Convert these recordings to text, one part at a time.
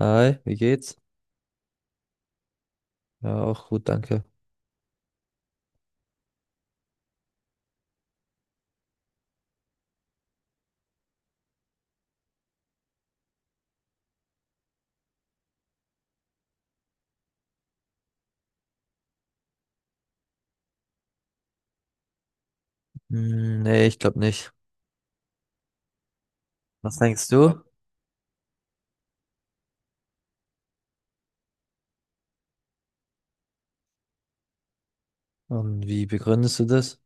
Hi, wie geht's? Ja, auch gut, danke. Hm, nee, ich glaube nicht. Was denkst du? Und wie begründest du das?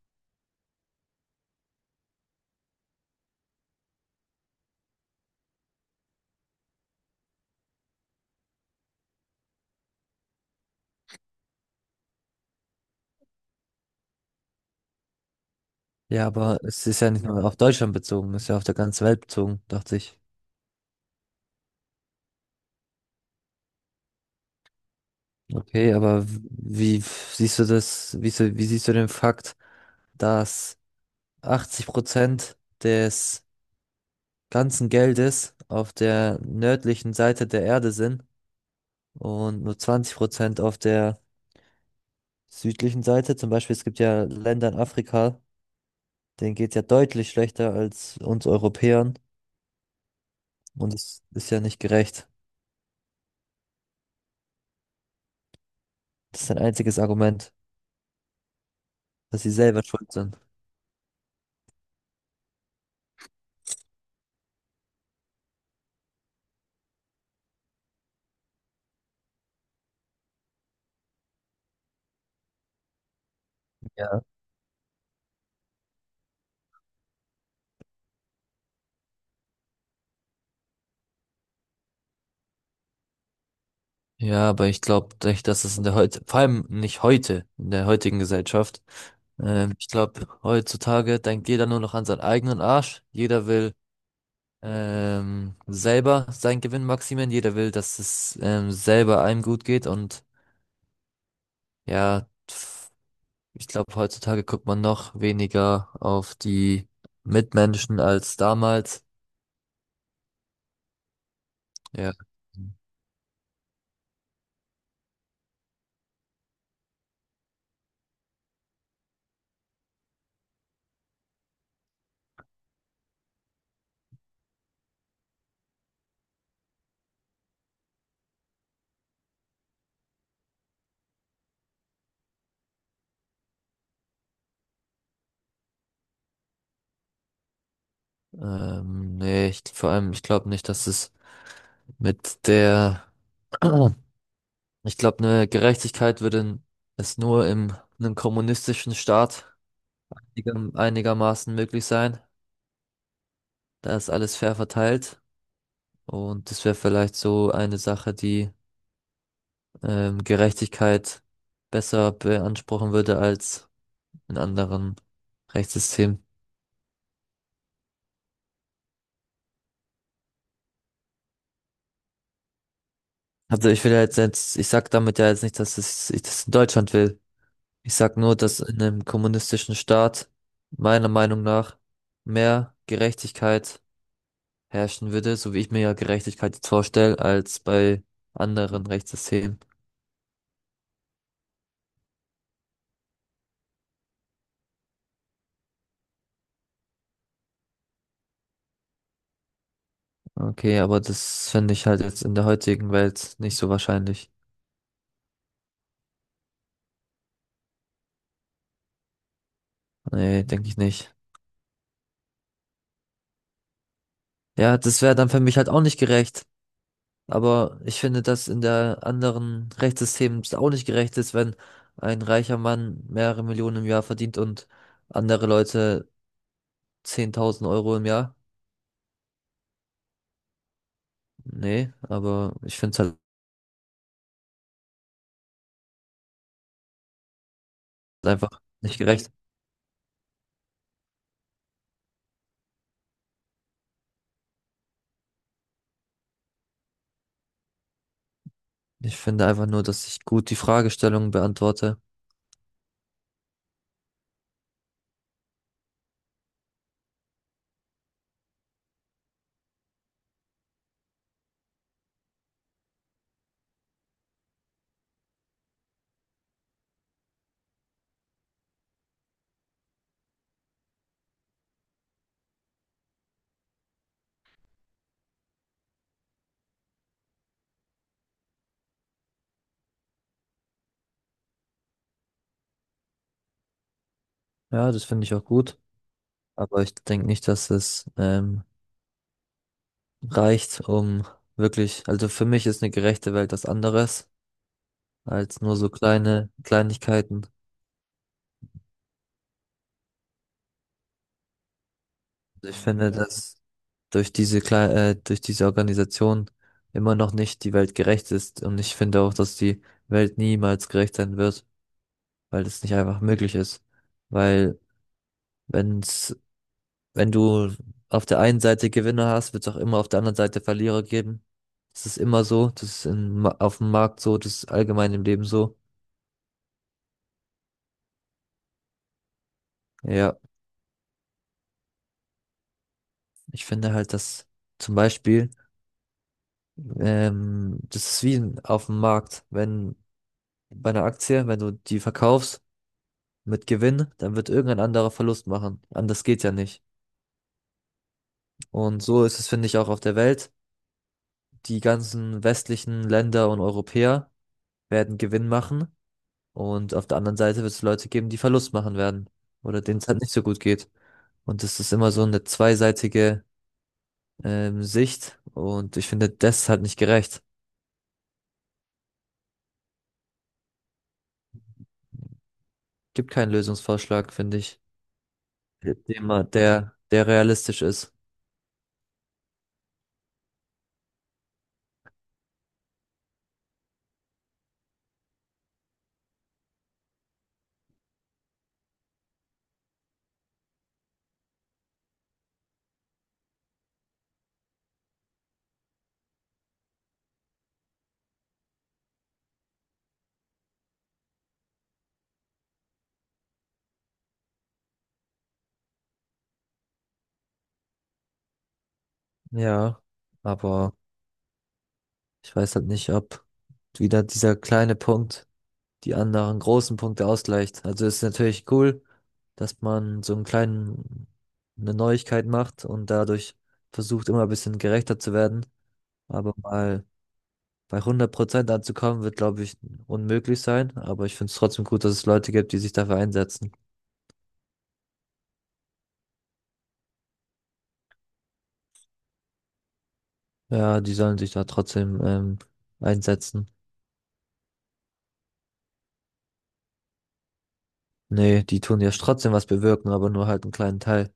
Ja, aber es ist ja nicht nur auf Deutschland bezogen, es ist ja auf der ganzen Welt bezogen, dachte ich. Okay, aber wie siehst du das, wie, so, wie siehst du den Fakt, dass 80% des ganzen Geldes auf der nördlichen Seite der Erde sind und nur 20% auf der südlichen Seite? Zum Beispiel, es gibt ja Länder in Afrika, denen geht's ja deutlich schlechter als uns Europäern. Und es ist ja nicht gerecht. Das ist ein einziges Argument, dass sie selber schuld sind. Ja. Ja, aber ich glaube nicht, dass es in der heute, vor allem nicht heute, in der heutigen Gesellschaft. Ich glaube, heutzutage denkt jeder nur noch an seinen eigenen Arsch. Jeder will selber seinen Gewinn maximieren. Jeder will, dass es selber einem gut geht. Und ja, ich glaube, heutzutage guckt man noch weniger auf die Mitmenschen als damals. Ja. Nee, ich, vor allem, ich glaube nicht, dass es mit der, ich glaube, eine Gerechtigkeit würde es nur im, einem kommunistischen Staat einigermaßen möglich sein. Da ist alles fair verteilt und das wäre vielleicht so eine Sache, die Gerechtigkeit besser beanspruchen würde als in anderen Rechtssystemen. Also ich will ja jetzt, ich sag damit ja jetzt nicht, dass es, ich das in Deutschland will. Ich sag nur, dass in einem kommunistischen Staat meiner Meinung nach mehr Gerechtigkeit herrschen würde, so wie ich mir ja Gerechtigkeit jetzt vorstelle, als bei anderen Rechtssystemen. Okay, aber das finde ich halt jetzt in der heutigen Welt nicht so wahrscheinlich. Nee, denke ich nicht. Ja, das wäre dann für mich halt auch nicht gerecht. Aber ich finde, dass in der anderen Rechtssystem es auch nicht gerecht ist, wenn ein reicher Mann mehrere Millionen im Jahr verdient und andere Leute 10.000 € im Jahr. Nee, aber ich finde es halt einfach nicht gerecht. Ich finde einfach nur, dass ich gut die Fragestellung beantworte. Ja, das finde ich auch gut. Aber ich denke nicht, dass es reicht, um wirklich, also für mich ist eine gerechte Welt was anderes als nur so kleine Kleinigkeiten. Also ich finde, dass durch diese Kle durch diese Organisation immer noch nicht die Welt gerecht ist. Und ich finde auch, dass die Welt niemals gerecht sein wird, weil es nicht einfach möglich ist. Weil wenn's, wenn du auf der einen Seite Gewinner hast, wird es auch immer auf der anderen Seite Verlierer geben. Das ist immer so, das ist auf dem Markt so, das ist allgemein im Leben so. Ja, ich finde halt, dass zum Beispiel, das ist wie auf dem Markt, wenn bei einer Aktie, wenn du die verkaufst, mit Gewinn, dann wird irgendein anderer Verlust machen. Anders geht ja nicht. Und so ist es, finde ich, auch auf der Welt. Die ganzen westlichen Länder und Europäer werden Gewinn machen und auf der anderen Seite wird es Leute geben, die Verlust machen werden oder denen es halt nicht so gut geht. Und das ist immer so eine zweiseitige Sicht und ich finde, das ist halt nicht gerecht. Gibt keinen Lösungsvorschlag, finde ich, dem der realistisch ist. Ja, aber ich weiß halt nicht, ob wieder dieser kleine Punkt die anderen großen Punkte ausgleicht. Also ist natürlich cool, dass man so einen kleinen, eine Neuigkeit macht und dadurch versucht, immer ein bisschen gerechter zu werden. Aber mal bei 100% anzukommen, wird, glaube ich, unmöglich sein. Aber ich finde es trotzdem gut, dass es Leute gibt, die sich dafür einsetzen. Ja, die sollen sich da trotzdem einsetzen. Nee, die tun ja trotzdem was bewirken, aber nur halt einen kleinen Teil.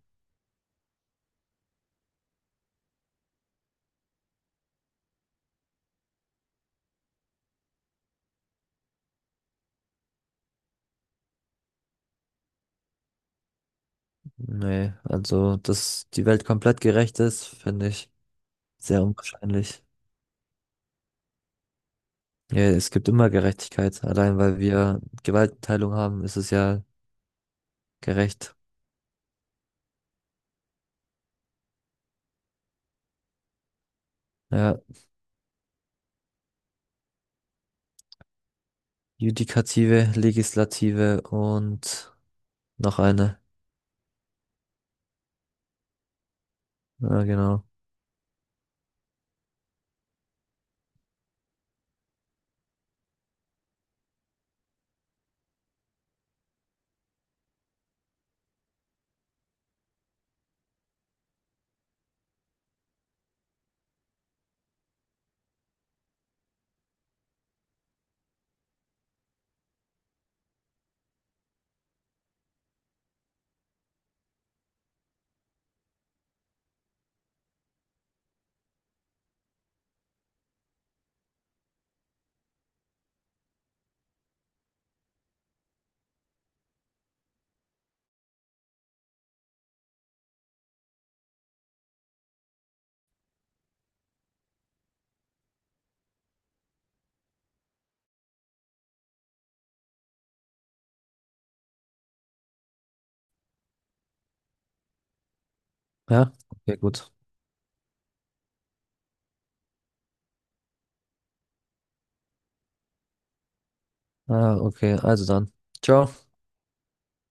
Nee, also, dass die Welt komplett gerecht ist, finde ich sehr unwahrscheinlich. Ja, es gibt immer Gerechtigkeit. Allein weil wir Gewaltenteilung haben, ist es ja gerecht. Ja, Judikative, Legislative und noch eine. Ja, genau. Ja, okay, gut. Ah, okay, also dann. Ciao.